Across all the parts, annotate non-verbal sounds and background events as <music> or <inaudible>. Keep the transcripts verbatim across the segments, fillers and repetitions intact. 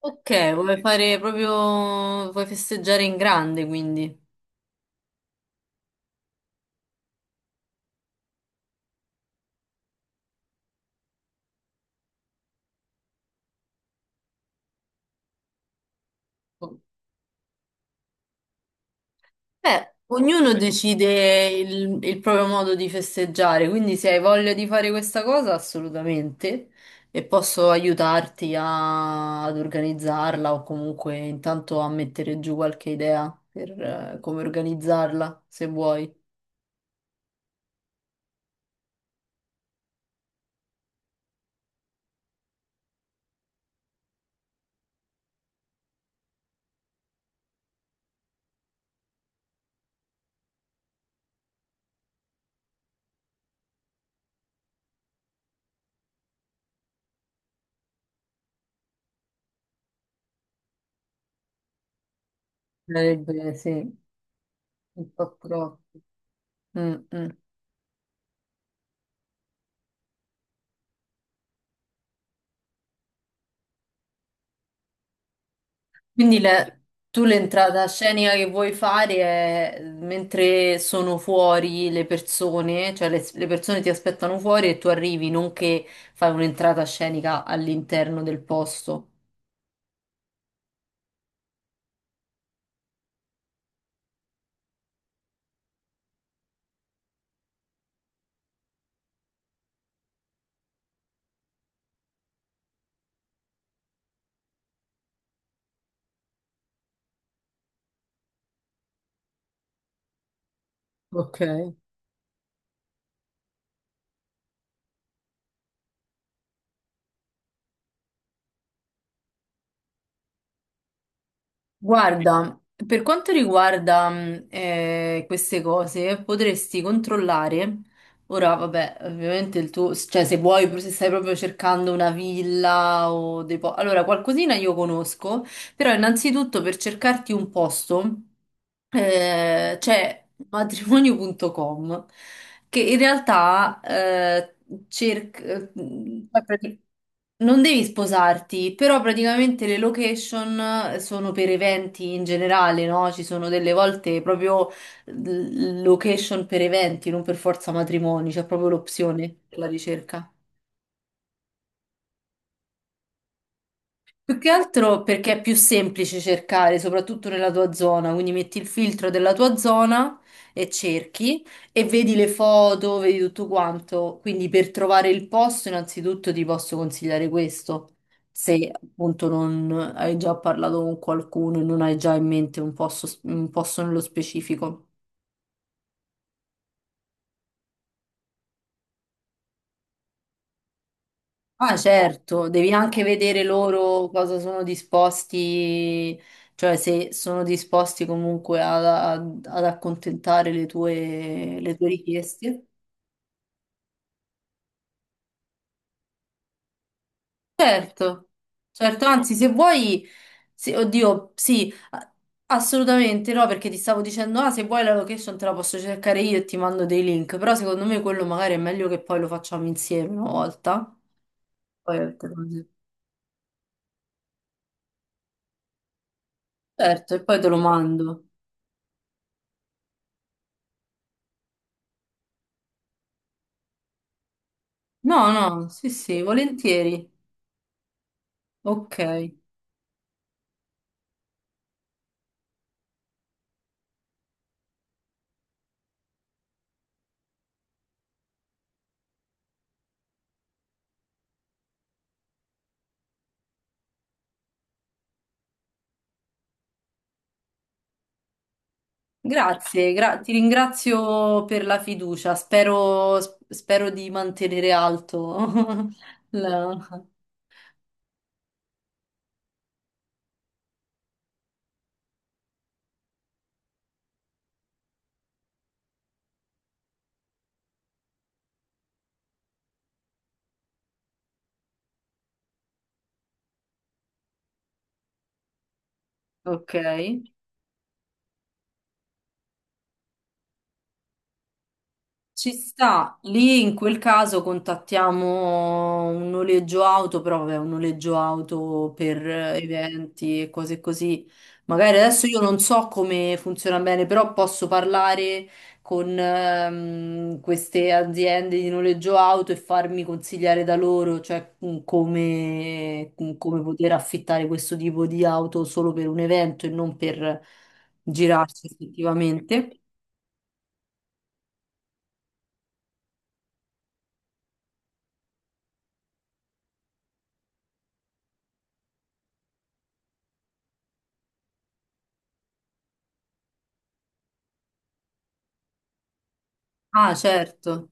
Ok, vuoi fare proprio, vuoi festeggiare in grande, quindi. Oh. Beh, ognuno eh, decide il, il proprio modo di festeggiare, quindi se hai voglia di fare questa cosa, assolutamente, e posso aiutarti a- ad organizzarla o comunque intanto a mettere giù qualche idea per eh, come organizzarla, se vuoi. Sarebbe, sì, un po' troppo. Mm, mm. Quindi le- tu l'entrata scenica che vuoi fare è mentre sono fuori le persone, cioè le, le persone ti aspettano fuori e tu arrivi, non che fai un'entrata scenica all'interno del posto. Ok. Guarda, per quanto riguarda mh, eh, queste cose, potresti controllare. Ora, vabbè, ovviamente il tuo, cioè se vuoi, se stai proprio cercando una villa o dei po- Allora, qualcosina io conosco, però innanzitutto per cercarti un posto eh, c'è matrimonio punto com che in realtà eh, cerca... Non devi sposarti, però praticamente le location sono per eventi in generale, no? Ci sono delle volte proprio l- location per eventi, non per forza matrimoni, c'è proprio l'opzione per la ricerca. Più che altro perché è più semplice cercare, soprattutto nella tua zona, quindi metti il filtro della tua zona e cerchi e vedi le foto, vedi tutto quanto. Quindi per trovare il posto, innanzitutto ti posso consigliare questo, se appunto non hai già parlato con qualcuno e non hai già in mente un posto, un posto nello specifico. Ah, certo, devi anche vedere loro cosa sono disposti, cioè se sono disposti comunque ad, ad- ad accontentare le tue, le tue richieste. Certo, certo, anzi, se vuoi, se- oddio, sì, a- assolutamente no, perché ti stavo dicendo, ah, se vuoi la location te la posso cercare io e ti mando dei link, però secondo me quello magari è meglio che poi lo facciamo insieme una volta. Poi te lo- Certo, e poi te lo mando. No, no, sì, sì, volentieri. Ok, grazie, gra- ti ringrazio per la fiducia. Spero, spero di mantenere alto <laughs> la- Ok. Ci sta, lì in quel caso contattiamo un noleggio auto, però vabbè, un noleggio auto per eh, eventi e cose così. Magari adesso io non so come funziona bene, però posso parlare con ehm, queste aziende di noleggio auto e farmi consigliare da loro, cioè mm, come, mm, come poter affittare questo tipo di auto solo per un evento e non per girarsi effettivamente. Ah, certo.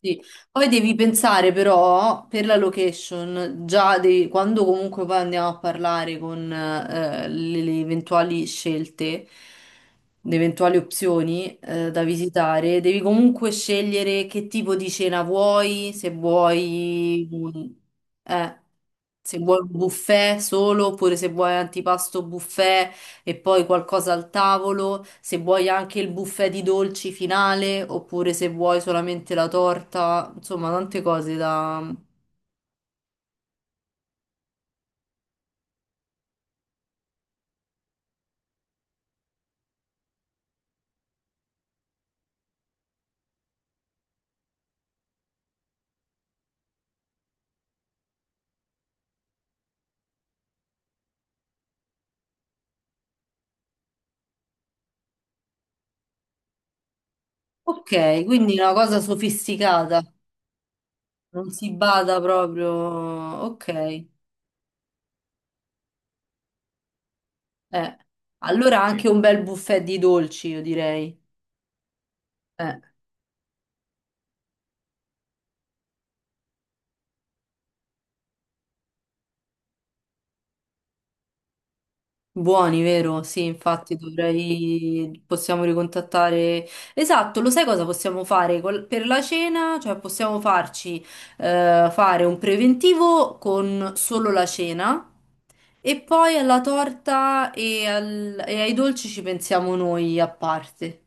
Sì. Poi devi pensare però per la location, già dei- quando comunque poi andiamo a parlare con eh, le, le eventuali scelte, le eventuali opzioni eh, da visitare, devi comunque scegliere che tipo di cena vuoi, se vuoi un, eh, se vuoi un buffet solo oppure se vuoi antipasto buffet e poi qualcosa al tavolo, se vuoi anche il buffet di dolci finale, oppure se vuoi solamente la torta, insomma, tante cose da... Ok, quindi una cosa sofisticata, non si bada proprio... Ok, eh. Allora sì, anche un bel buffet di dolci, io direi. Eh. Buoni, vero? Sì, infatti dovrei... possiamo ricontattare... Esatto, lo sai cosa possiamo fare Col- per la cena? Cioè possiamo farci eh, fare un preventivo con solo la cena e poi alla torta e, al- e ai dolci ci pensiamo noi a parte.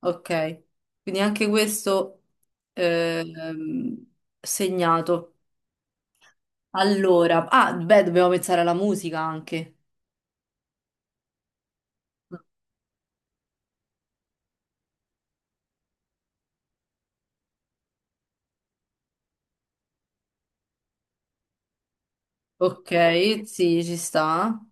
Ok? Quindi anche questo ehm, segnato. Allora, ah, beh, dobbiamo pensare alla musica anche. Ok, sì, ci sta.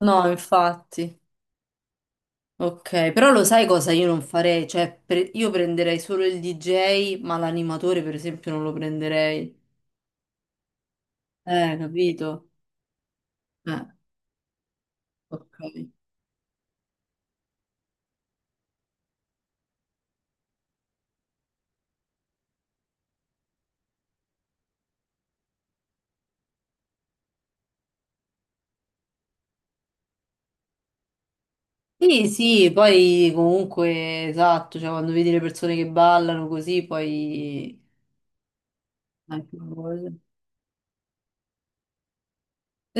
No, infatti. Ok, però lo sai cosa io non farei? Cioè, pre- io prenderei solo il di gei, ma l'animatore, per esempio, non lo prenderei. Eh, capito? Eh, ok. Sì, sì, poi comunque, esatto, cioè quando vedi le persone che ballano così, poi... Anche una cosa.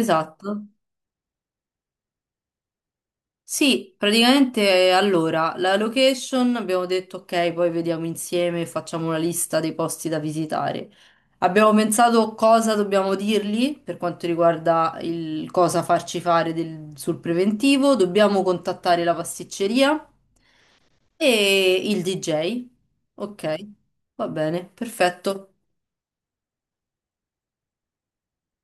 Esatto. Sì, praticamente allora, la location abbiamo detto ok, poi vediamo insieme, e facciamo una lista dei posti da visitare. Abbiamo pensato cosa dobbiamo dirgli per quanto riguarda il cosa farci fare del- sul preventivo, dobbiamo contattare la pasticceria e il di gei. Ok, va bene, perfetto.